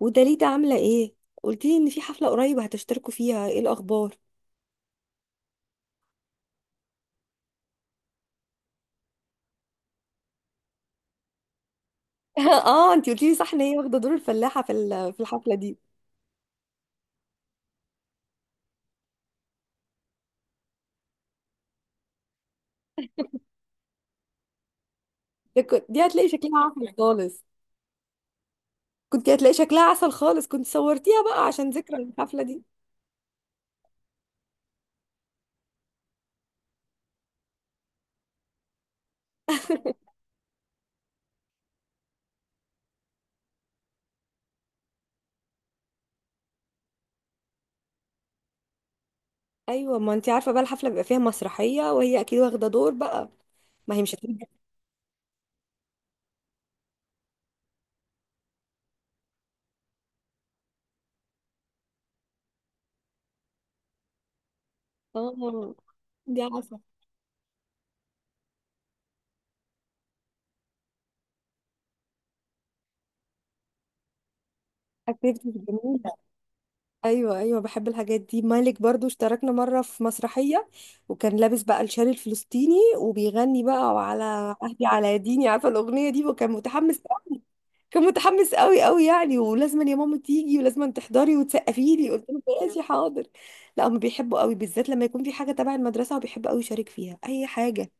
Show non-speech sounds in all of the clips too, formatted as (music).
وداليدا عاملة ايه؟ قلتيلي ان في حفلة قريب هتشتركوا فيها. ايه الاخبار؟ (laughs) اه، انتي قلتيلي صح ان هي واخدة دور الفلاحة في الحفلة دي. دي هتلاقي شكلها عسل خالص. كنت هتلاقي شكلها عسل خالص. كنت صورتيها بقى عشان ذكرى الحفلة دي. ايوه، ما انتي عارفة بقى الحفلة بيبقى فيها مسرحية وهي اكيد واخدة دور بقى. ما هي مش هتبقى. اه، دي عسل. اكتيفيتيز جميلة. ايوه، ايوه، بحب الحاجات دي. مالك برضو اشتركنا مره في مسرحيه، وكان لابس بقى الشال الفلسطيني وبيغني بقى: وعلى عهدي على ديني، عارفه الاغنيه دي، وكان متحمس. كان متحمس قوي قوي يعني، ولازم يا ماما تيجي ولازم تحضري وتسقفي لي. قلت له ماشي حاضر. لا، هم بيحبوا قوي بالذات لما يكون في حاجه تبع المدرسه، وبيحب قوي يشارك فيها اي حاجه.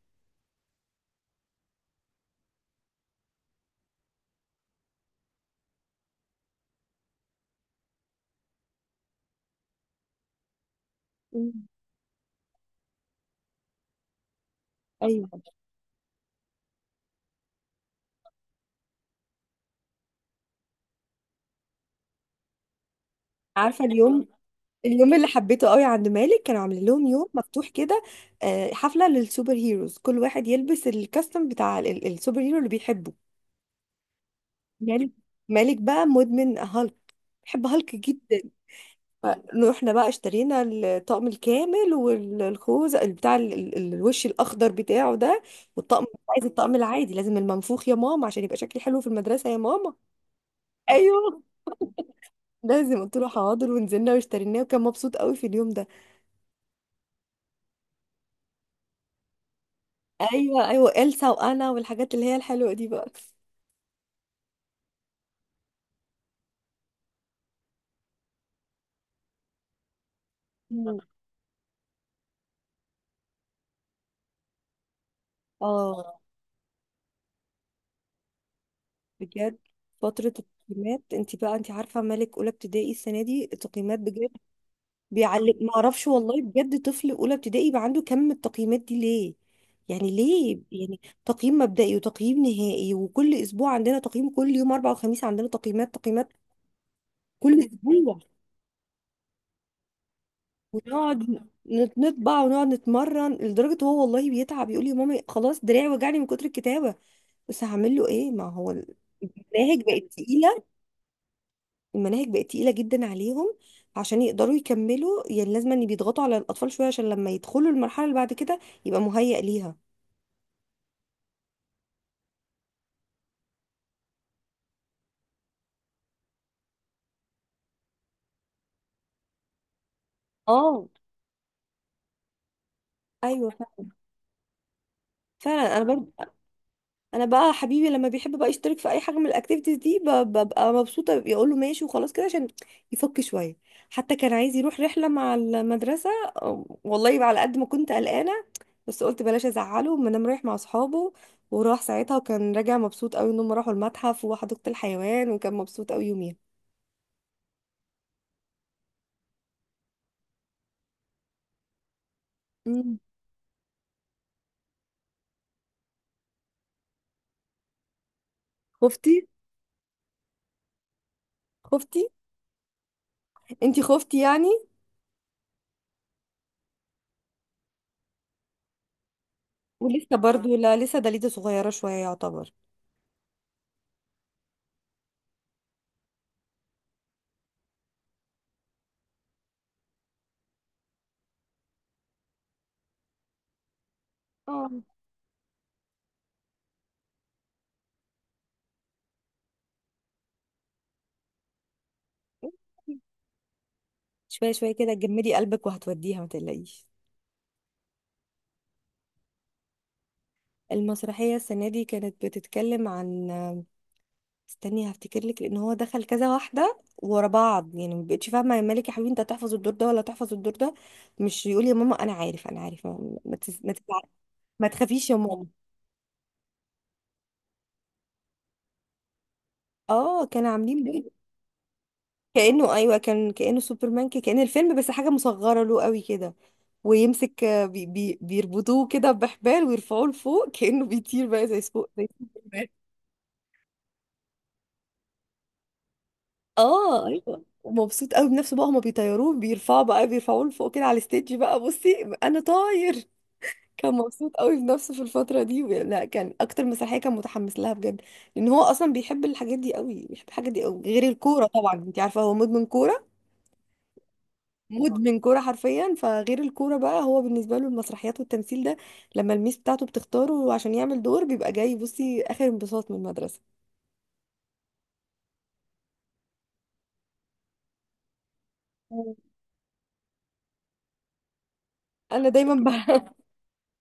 مم. ايوه، عارفه اليوم، اليوم اللي حبيته قوي عند مالك كانوا عاملين لهم يوم مفتوح كده، حفلة للسوبر هيروز. كل واحد يلبس الكاستم بتاع السوبر هيرو اللي بيحبه. مالك مالك بقى مدمن هالك. بيحب هالك جدا. فروحنا بقى اشترينا الطقم الكامل والخوذ بتاع الوش الاخضر بتاعه ده. والطقم مش عايز الطقم العادي، لازم المنفوخ يا ماما، عشان يبقى شكلي حلو في المدرسة يا ماما. ايوه لازم. قلت له حاضر ونزلنا واشتريناه، وكان مبسوط قوي في اليوم ده. ايوه، ايوه، إلسا وانا والحاجات اللي هي الحلوه دي بقى. مم. اه، بجد فتره التقييمات. انت عارفه مالك اولى ابتدائي السنه دي التقييمات بجد. بيعلق، ما اعرفش والله. بجد طفل اولى ابتدائي يبقى عنده كم من التقييمات دي ليه؟ يعني ليه، يعني تقييم مبدئي وتقييم نهائي وكل اسبوع عندنا تقييم. كل يوم اربع وخميس عندنا تقييمات، تقييمات. كل اسبوع. ونقعد نطبع ونقعد نتمرن لدرجه هو والله بيتعب، يقول لي يا مامي خلاص دراعي وجعني من كتر الكتابه. بس هعمل له ايه، ما هو المناهج بقت تقيله. المناهج بقت تقيله جدا عليهم عشان يقدروا يكملوا، يعني لازم ان بيضغطوا على الاطفال شويه عشان لما يدخلوا المرحله اللي بعد كده يبقى مهيأ ليها. اه، ايوه فعلا. فعلا انا برضو، انا بقى حبيبي لما بيحب بقى يشترك في اي حاجه من الاكتيفيتيز دي ببقى مبسوطه، يقول له ماشي وخلاص كده عشان يفك شويه. حتى كان عايز يروح رحله مع المدرسه. والله بقى على قد ما كنت قلقانه، بس قلت بلاش ازعله، ما انا رايح مع اصحابه. وراح ساعتها وكان راجع مبسوط قوي ان هم راحوا المتحف وحديقه الحيوان، وكان مبسوط قوي يوميها. مم. خفتي. خفتي. انتي خفتي يعني. ولسه برضو، لا لسه دليده صغيره شويه يعتبر. اه، شويه شويه كده، جمدي قلبك وهتوديها ما تقلقيش. المسرحية السنة دي كانت بتتكلم عن، استني هفتكر لك، لأن هو دخل كذا واحدة ورا بعض يعني ما بقتش فاهمة، يا مالك يا حبيبي أنت هتحفظ الدور ده ولا هتحفظ الدور ده؟ مش يقول يا ماما أنا عارف أنا عارف ما, ما, تس... ما, تزع- ما تخافيش يا ماما. اه، كانوا عاملين بيه، كأنه، أيوه، كان كأنه سوبرمان، كأن الفيلم بس حاجة مصغرة له قوي كده. ويمسك، بي بي بيربطوه كده بحبال ويرفعوه لفوق كأنه بيطير بقى، زي سوق زي سوبرمان. اه ايوه، ومبسوط قوي بنفسه بقى. هما بيطيروه، بيرفعوا بقى بيرفعوه لفوق كده على الستيج، بقى بصي انا طاير. كان مبسوط قوي بنفسه في الفتره دي، لا كان اكتر مسرحيه كان متحمس لها بجد، لان هو اصلا بيحب الحاجات دي قوي، بيحب الحاجات دي قوي غير الكوره طبعا، انت عارفه هو مدمن كوره. مدمن كوره حرفيا. فغير الكوره بقى هو بالنسبه له المسرحيات والتمثيل ده، لما الميس بتاعته بتختاره عشان يعمل دور بيبقى جاي بصي اخر انبساط من المدرسه. انا دايما بقى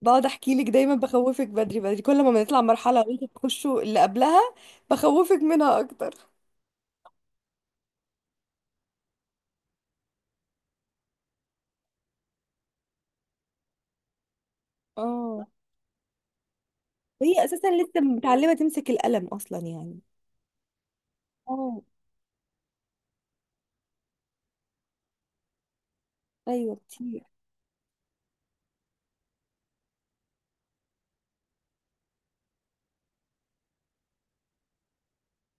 بقعد احكي لك دايما، بخوفك بدري بدري كل ما بنطلع مرحله وانت بتخشوا اللي قبلها، بخوفك منها اكتر. اه. وهي اساسا لسه متعلمه تمسك القلم اصلا يعني. اه، ايوه كتير.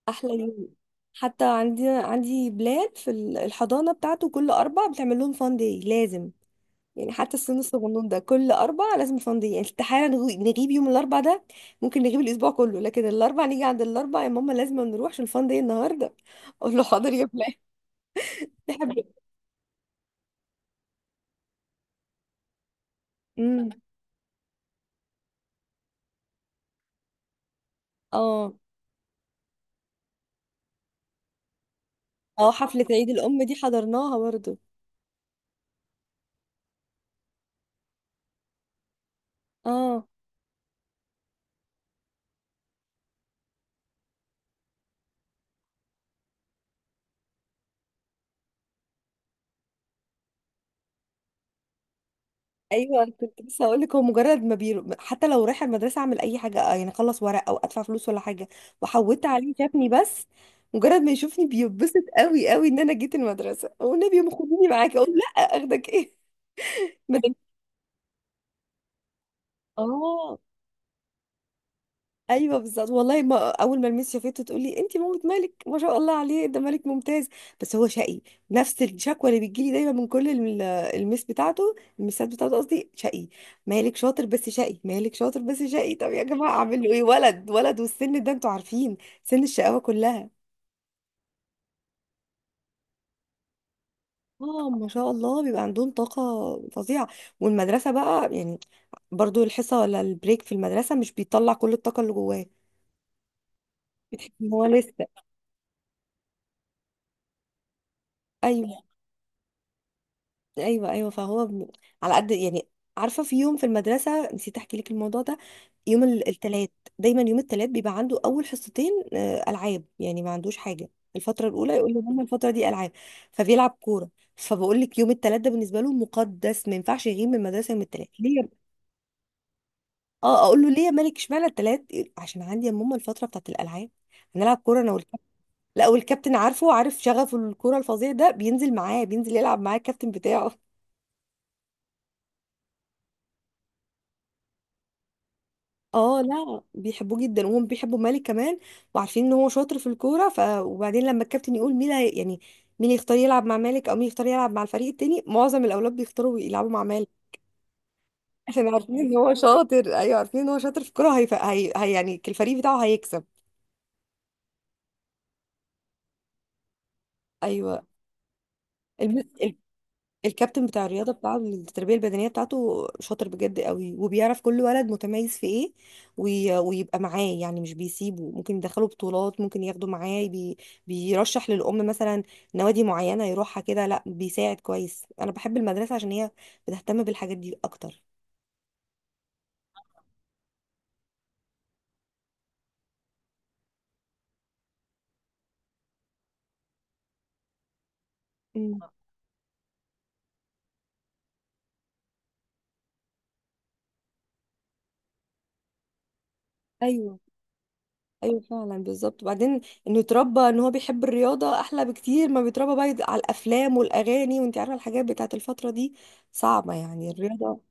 احلى يوم. حتى عندي بلاد في الحضانه بتاعته كل اربع بتعمل لهم فان داي لازم. يعني حتى السن الصغنون ده كل اربع لازم فان داي يعني، استحاله نغيب يوم الاربع ده. ممكن نغيب الاسبوع كله لكن الاربع، نيجي عند الاربع يا ماما لازم نروح عشان الفان داي النهارده. اقول له حاضر يا بلاد. (laughs) امم اه، اه، حفلة عيد الأم دي حضرناها برضو. اه، ايوه، كنت لسه هقول لك هو مجرد ما بيرو، حتى لو رايحه المدرسه اعمل اي حاجه يعني اخلص ورق او ادفع فلوس ولا حاجه، وحودت عليه شافني. بس مجرد ما يشوفني بيتبسط قوي قوي ان انا جيت المدرسه. والنبي يا أم خديني معاكي، اقول. لا، اخدك ايه؟ (laughs) ما دام- اه، ايوه بالظبط. والله ما اول ما الميس شافته تقول لي انت مامة مالك، ما شاء الله عليه ده مالك ممتاز بس هو شقي. نفس الشكوى اللي بتجيلي دايما من كل الميس بتاعته، الميسات بتاعته قصدي، شقي. مالك شاطر بس شقي، مالك شاطر بس شقي، طب يا جماعه اعمل له ايه، ولد ولد والسن ده انتوا عارفين، سن الشقاوه كلها. اه، ما شاء الله بيبقى عندهم طاقه فظيعه. والمدرسه بقى يعني، برضو الحصه ولا البريك في المدرسه مش بيطلع كل الطاقه اللي جواه. ما هو لسه. ايوه، ايوه، ايوه. على قد يعني. عارفه، في يوم في المدرسه نسيت احكي لك الموضوع ده. يوم التلات، دايما يوم التلات بيبقى عنده اول حصتين العاب، يعني ما عندوش حاجه. الفتره الاولى يقول لي ماما الفتره دي العاب، فبيلعب كوره. فبقول لك يوم التلات ده بالنسبه له مقدس، ما ينفعش يغيب من المدرسه يوم التلات ليه اه، اقول له ليه يا مالك اشمعنى التلات؟ عشان عندي يا ماما الفتره بتاعت الالعاب، هنلعب كوره انا والكابتن. لا والكابتن عارفه، وعارف شغفه الكوره الفظيع ده، بينزل معاه بينزل يلعب معاه الكابتن بتاعه. اه لا، بيحبوه جدا وهم بيحبوا مالك كمان، وعارفين ان هو شاطر في الكوره. وبعدين لما الكابتن يقول يعني مين يختار يلعب مع مالك او مين يختار يلعب مع الفريق التاني، معظم الاولاد بيختاروا يلعبوا مع مالك. (laughs) عشان عارفين ان هو شاطر، ايوه عارفين ان هو شاطر في الكوره. هي... هي... هي يعني الفريق بتاعه هيكسب. ايوه، الم... الكابتن بتاع الرياضه بتاع التربيه البدنيه بتاعته شاطر بجد قوي، وبيعرف كل ولد متميز في ايه. ويبقى معاه يعني مش بيسيبه، ممكن يدخله بطولات، ممكن ياخده معاه بيرشح للام مثلا نوادي معينه يروحها كده، لا بيساعد كويس. انا بحب المدرسه عشان هي بتهتم بالحاجات دي اكتر. مم. ايوه، ايوه فعلا بالظبط. وبعدين انه يتربى ان هو بيحب الرياضه احلى بكتير ما بيتربى بقى على الافلام والاغاني، وانت عارفه الحاجات بتاعت الفتره دي صعبه يعني، الرياضه.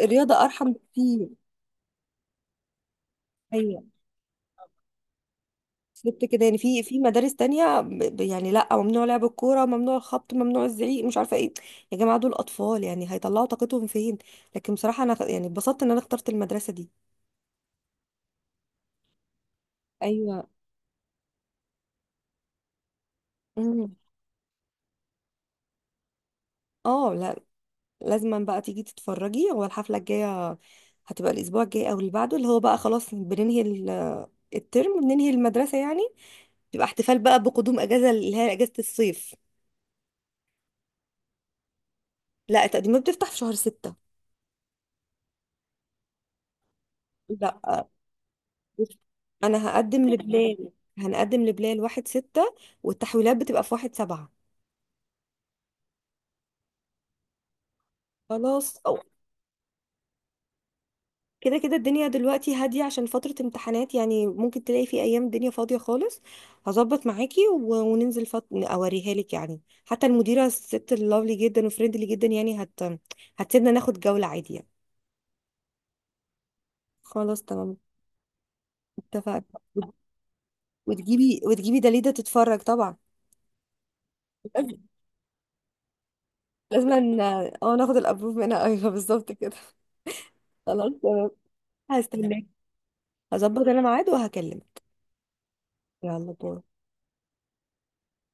الرياضة أرحم بكتير. أيوة بالظبط كده يعني، في مدارس تانية يعني لأ، ممنوع لعب الكورة، ممنوع الخبط، ممنوع الزعيق، مش عارفة إيه. يا جماعة دول أطفال، يعني هيطلعوا طاقتهم فين؟ لكن بصراحة يعني اتبسطت إن أنا اخترت المدرسة دي. أيوة. أمم. اه، لا، لازما بقى تيجي تتفرجي، هو الحفلة الجاية هتبقى الأسبوع الجاي أو اللي بعده، اللي هو بقى خلاص بننهي الترم وبننهي المدرسة يعني، تبقى احتفال بقى بقدوم أجازة، اللي هي أجازة الصيف. لا، التقديمات بتفتح في شهر 6. لا، بص، انا هقدم لبلال. هنقدم لبلال 1/6، والتحويلات بتبقى في 1/7. خلاص أو، كده كده الدنيا دلوقتي هادية عشان فترة امتحانات يعني، ممكن تلاقي في أيام الدنيا فاضية خالص. هظبط معاكي وننزل أوريها لك يعني. حتى المديرة الست اللافلي جدا وفريندلي جدا يعني هتسيبنا ناخد جولة عادية يعني. خلاص تمام. اتفقنا. وت- وتجيبي دليدة تتفرج طبعا. لازم، لازم ناخد الابروف منها، ايوه بالظبط كده. خلاص تمام. هستناك. هظبط انا ميعاد وهكلمك. يلا باي.